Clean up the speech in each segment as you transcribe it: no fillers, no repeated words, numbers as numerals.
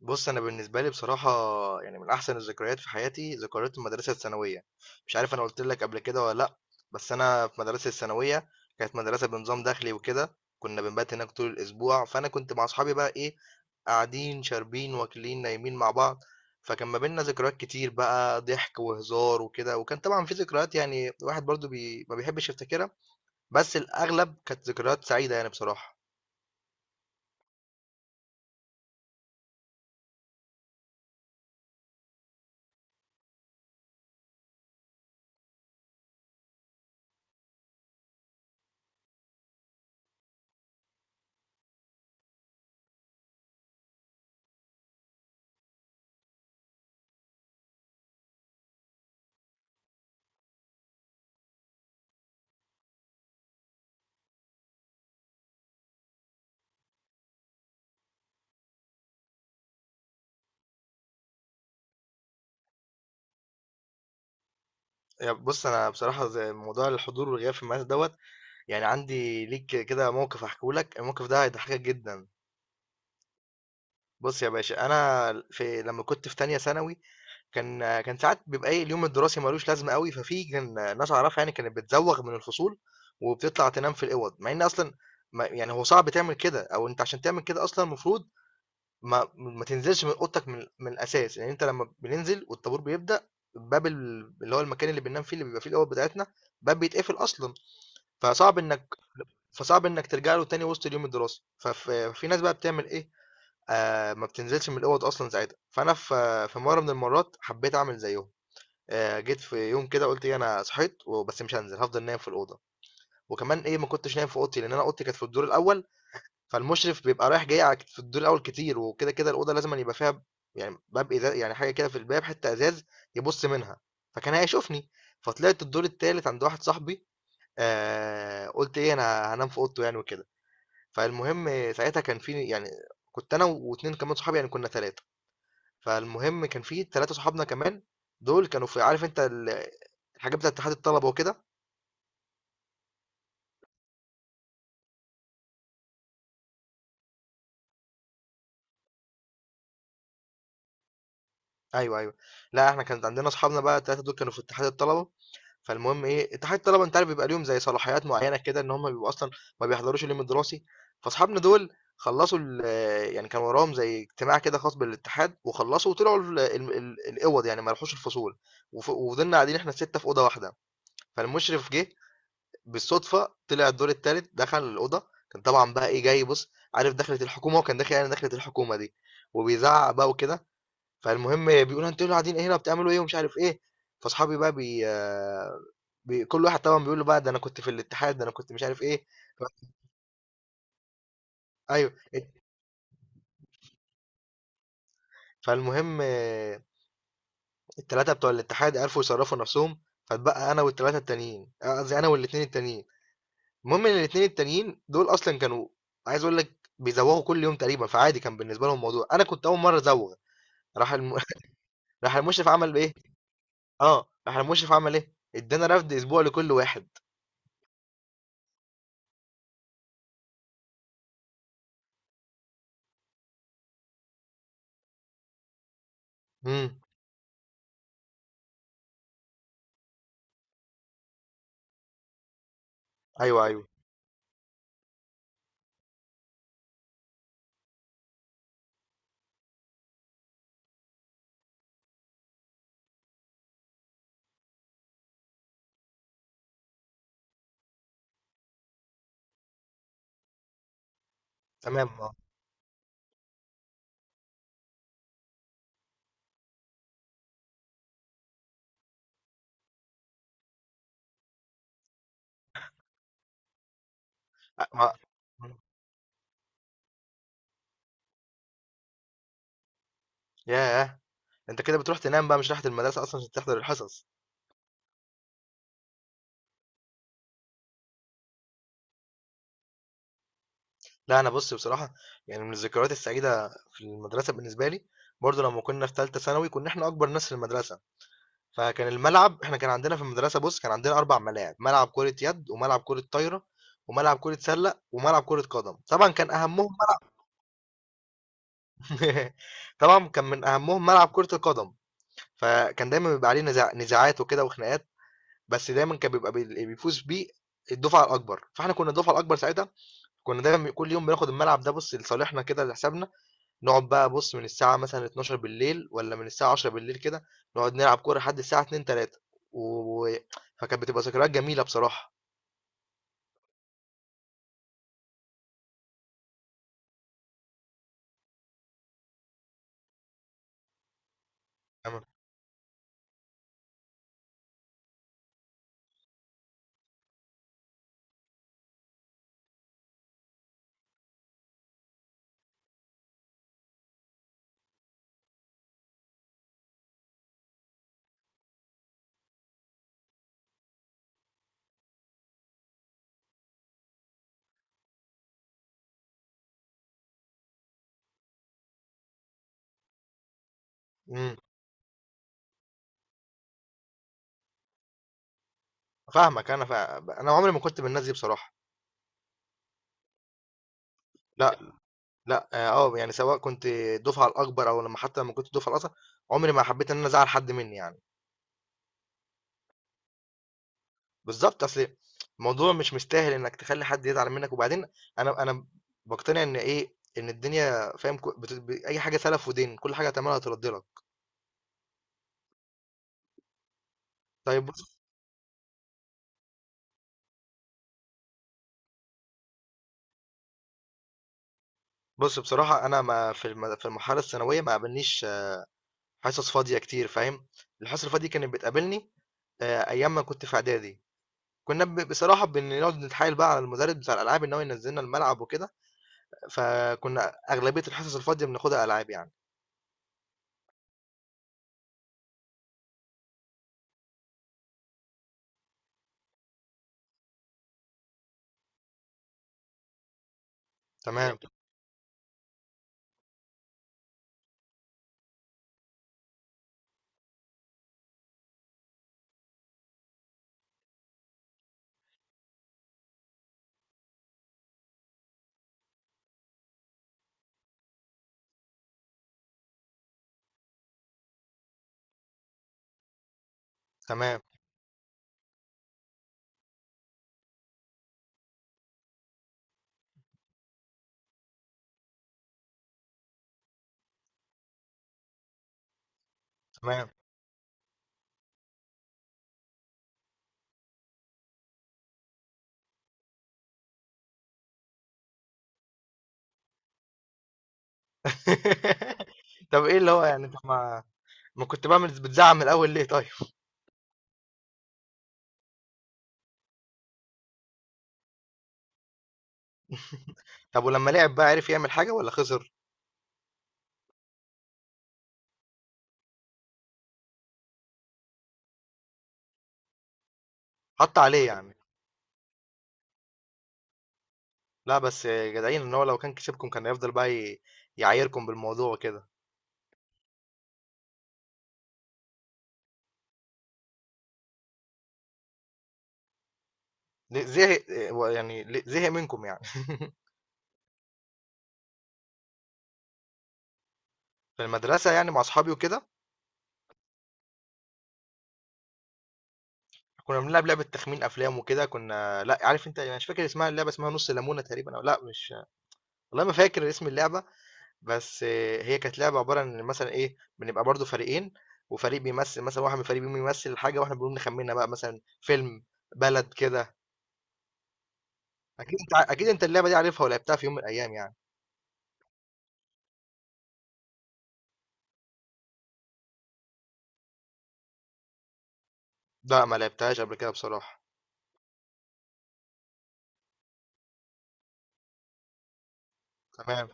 بُص، أنا بالنسبة لي بصراحة يعني من أحسن الذكريات في حياتي ذكريات المدرسة الثانوية، مش عارف أنا قُلت لك قبل كده والّا لأ، بس أنا في مدرستي الثانوية كانت مدرسة بنظام داخلي وكده، كنا بنبات هناك طول الأسبوع، فأنا كنت مع أصحابي بقى إيه، قاعدين، شاربين، واكلين، نايمين مع بعض، فكان ما بيننا ذكريات كتير بقى ضحك وهزار وكده، وكان طبعًا في ذكريات يعني الواحد برضه ما بيحبش يفتكرها، بس الأغلب كانت ذكريات سعيدة يعني بصراحة. يا بص انا بصراحه زي موضوع الحضور والغياب في المدرسه دوت، يعني عندي ليك كده موقف احكيه لك، الموقف ده هيضحكك جدا. بص يا باشا انا في لما كنت في تانية ثانوي كان ساعات بيبقى ايه، اليوم الدراسي ملوش لازمه قوي، ففي كان ناس اعرفها يعني كانت بتزوغ من الفصول وبتطلع تنام في الاوض، مع ان اصلا ما يعني هو صعب تعمل كده، او انت عشان تعمل كده اصلا المفروض ما تنزلش من اوضتك من الاساس، يعني انت لما بننزل والطابور بيبدا، باب اللي هو المكان اللي بننام فيه اللي بيبقى فيه الاوض بتاعتنا، باب بيتقفل اصلا، فصعب إنك فصعب إنك ترجع له تاني وسط اليوم الدراسي ففي ناس بقى بتعمل إيه، آه ما بتنزلش من الأوض أصلا ساعتها. فأنا في في مرة من المرات حبيت أعمل زيهم. آه، جيت في يوم كده قلت إيه، أنا صحيت وبس مش هنزل، هفضل نايم في الأوضة. وكمان إيه، ما كنتش نايم في أوضتي لأن أنا أوضتي كانت في الدور الأول، فالمشرف بيبقى رايح جاي في الدور الأول كتير، وكده كده الأوضة لازم يبقى فيها يعني باب إزاز، يعني حاجة كده في الباب حتة إزاز يبص منها، فكان هيشوفني. فطلعت الدور التالت عند واحد صاحبي، آه، قلت إيه، أنا هنام في أوضته يعني وكده. فالمهم ساعتها كان في يعني كنت أنا و2 كمان صحابي، يعني كنا 3. فالمهم كان في 3 صحابنا كمان، دول كانوا في عارف أنت ال الحاجات بتاعة اتحاد الطلبة وكده. أيوه، أيوه. لأ إحنا كانت عندنا صحابنا بقى ال3 دول كانوا في اتحاد الطلبة، فالمهم إيه، اتحاد الطلبة أنت عارف بيبقى ليهم زي صلاحيات معينة كده إن هم بيبقوا أصلًا ما بيحضروش اليوم الدراسي، فاصحابنا دول خلّصوا ال يعني كان وراهم زي اجتماع كده خاص بالاتحاد، وخلّصوا وطلعوا ال الأوَض يعني ما راحوش الفصول، وفضلنا قاعدين إحنا ال6 في أوضة واحدة، فالمشرف جه بالصدفة طلع الدور التالت دخل الأوضة، كان طبعًا بقى إيه جاي بُص عارف دخلة الحكومة، وكان داخل يعني دخلة الحكومة دي، وبيزعّق بقى وكده، فالمهم بيقول له: "أنتم إيه اللي قاعدين ايه هنا وبتعملوا إيه؟" ومش عارف إيه، فاصحابي بقى بي آه، بي كل واحد طبعًا بيقول له بقى: "ده أنا كنت في الاتحاد، ده أنا كنت مش عارف إيه." ف أيوه، فالمهم ال3 بتوع الاتحاد عرفوا يصرّفوا نفسهم، فاتبقى أنا وال3 التانيين، قصدي أنا وال2 التانيين. المهم ان الاتنين التانيين دول اصلا كانوا، عايز اقول لك، بيزوغوا كل يوم تقريبا، فعادي كان بالنسبه لهم الموضوع، انا كنت اول مره ازوغ. راح راح المشرف عمل ايه، اه راح المشرف عمل ايه، ادانا رفد اسبوع لكل واحد. امم ايوه، ايوه. تمام، اه. ما... ياه، انت كده بتروح تنام بقى مش رايح المدرسه اصلا عشان تحضر الحصص. لا انا بص بصراحه يعني من الذكريات السعيده في المدرسه بالنسبه لي، برضو لما كنا في ثالثه ثانوي كنا احنا اكبر ناس في المدرسه، فكان الملعب احنا كان عندنا في المدرسة، بص كان عندنا أربع ملاعب: ملعب كرة يد، وملعب كرة طايرة، وملعب كرة سلة، وملعب كرة قدم. طبعا كان أهمهم ملعب طبعا كان من أهمهم ملعب كرة القدم، فكان دايما بيبقى عليه نزاعات وكده وخناقات، بس دايما كان بيبقى اللي بيفوز بيه الدفعة الأكبر، فاحنا كنا الدفعة الأكبر ساعتها، كنا دايما كل يوم بناخد الملعب ده بص لصالحنا كده لحسابنا، نقعد بقى بُص من الساعة مثلًا 00:00 والّا من الساعة 22:00 كده، نقعد نلعب كورة لحد الساعة 02:00، 03:00. و فكانت بتبقى ذكريات جميلة بصراحة. تمام. إمم. فاهمك أنا ف أنا عمري ما كنت من الناس دي بصراحة. لأ، لأ، آه، آه، يعني سواء كنت الدفعة الأكبر أو حتى لمّا كنت الدفعة الأصغر، عمري ما حبيت إن أنا أزعّل حد منّي يعني. بالضبط، أصل الموضوع مش مستاهل إنّك تخلّي حد يزعل منّك، وبعدين أنا باقتنع إن إيه، إن الدنيا فاهم ك بت ب أي حاجة سَلَف ودِين، كل حاجة هتعملها هترَد لك. طيب، بُص، بصراحة أنا ما في الم في المرحلة الثانوية ما قابلنيش آه، حصص فاضية كتير فاهم، الحصص الفاضية كانت بتقابلني أيام ما كنت في إعدادي، كنا بصراحة بنقعد نتحايل بقى على المدرس بتاع الألعاب إن هو ينزلنا الملعب وكده، فكنا أغلبية الحصص الفاضية بناخدها ألعاب يعني. تمام، تمام، تمام. طب إيه اللي هو يعني، طب ما ما كنت باعمل بتزعق من الأول ليه طيب؟ طب ولمّا لعب بقى عرف يعمل حاجة والّا خسر؟ حَط عليه يعني. لا بس جدعين، ان هو لو كان كسبكم كان هيفضل بقى يعايركم بالموضوع وكده. زهق يعني، زهق منكم يعني. في المدرسه يعني مع اصحابي وكده كنا بنلعب لعبه تخمين افلام وكده، كنا لا عارف انت، انا مش فاكر اسمها اللعبه، اسمها نص ليمونه تقريبا، او لا مش، والله ما فاكر اسم اللعبه. بس آه، هي كانت لعبه عباره عن مثلا ايه، بنبقى برضو فريقين، وفريق بيمثل مثلا، واحد من الفريقين بيمثل الحاجه واحنا بنقوم نخمنها بقى، مثلا فيلم، بلد كده. اكيد انت اللعبه دي عارفها ولعبتها في يوم من الايام يعني. لا ما لعبتهاش قبل كده بصراحه. تمام.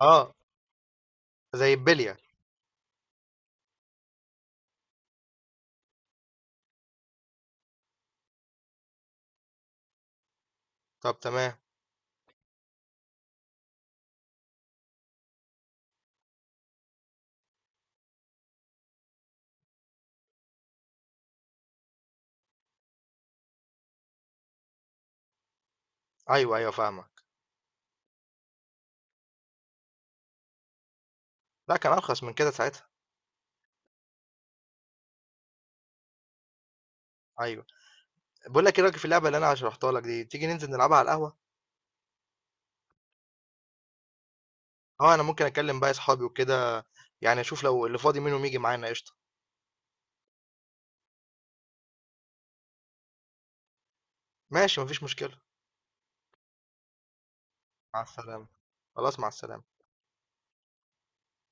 آه، زي البلية. طب تمام. أيوه، أيوه فاهمك. لأ كان أرخص من كده ساعتها. أيوه. باقول لك إيه رأيك في اللعبة اللي أنا شرحتها لك دي، تيجي ننزل نلعبها على القهوة؟ آه، أنا ممكن أكلم باقي أصحابي وكده، يعني أشوف لو اللي فاضي منهم ييجي معانا قشطة. ماشي، ما فيش مشكلة. مع السلامة. خلاص مع السلامة.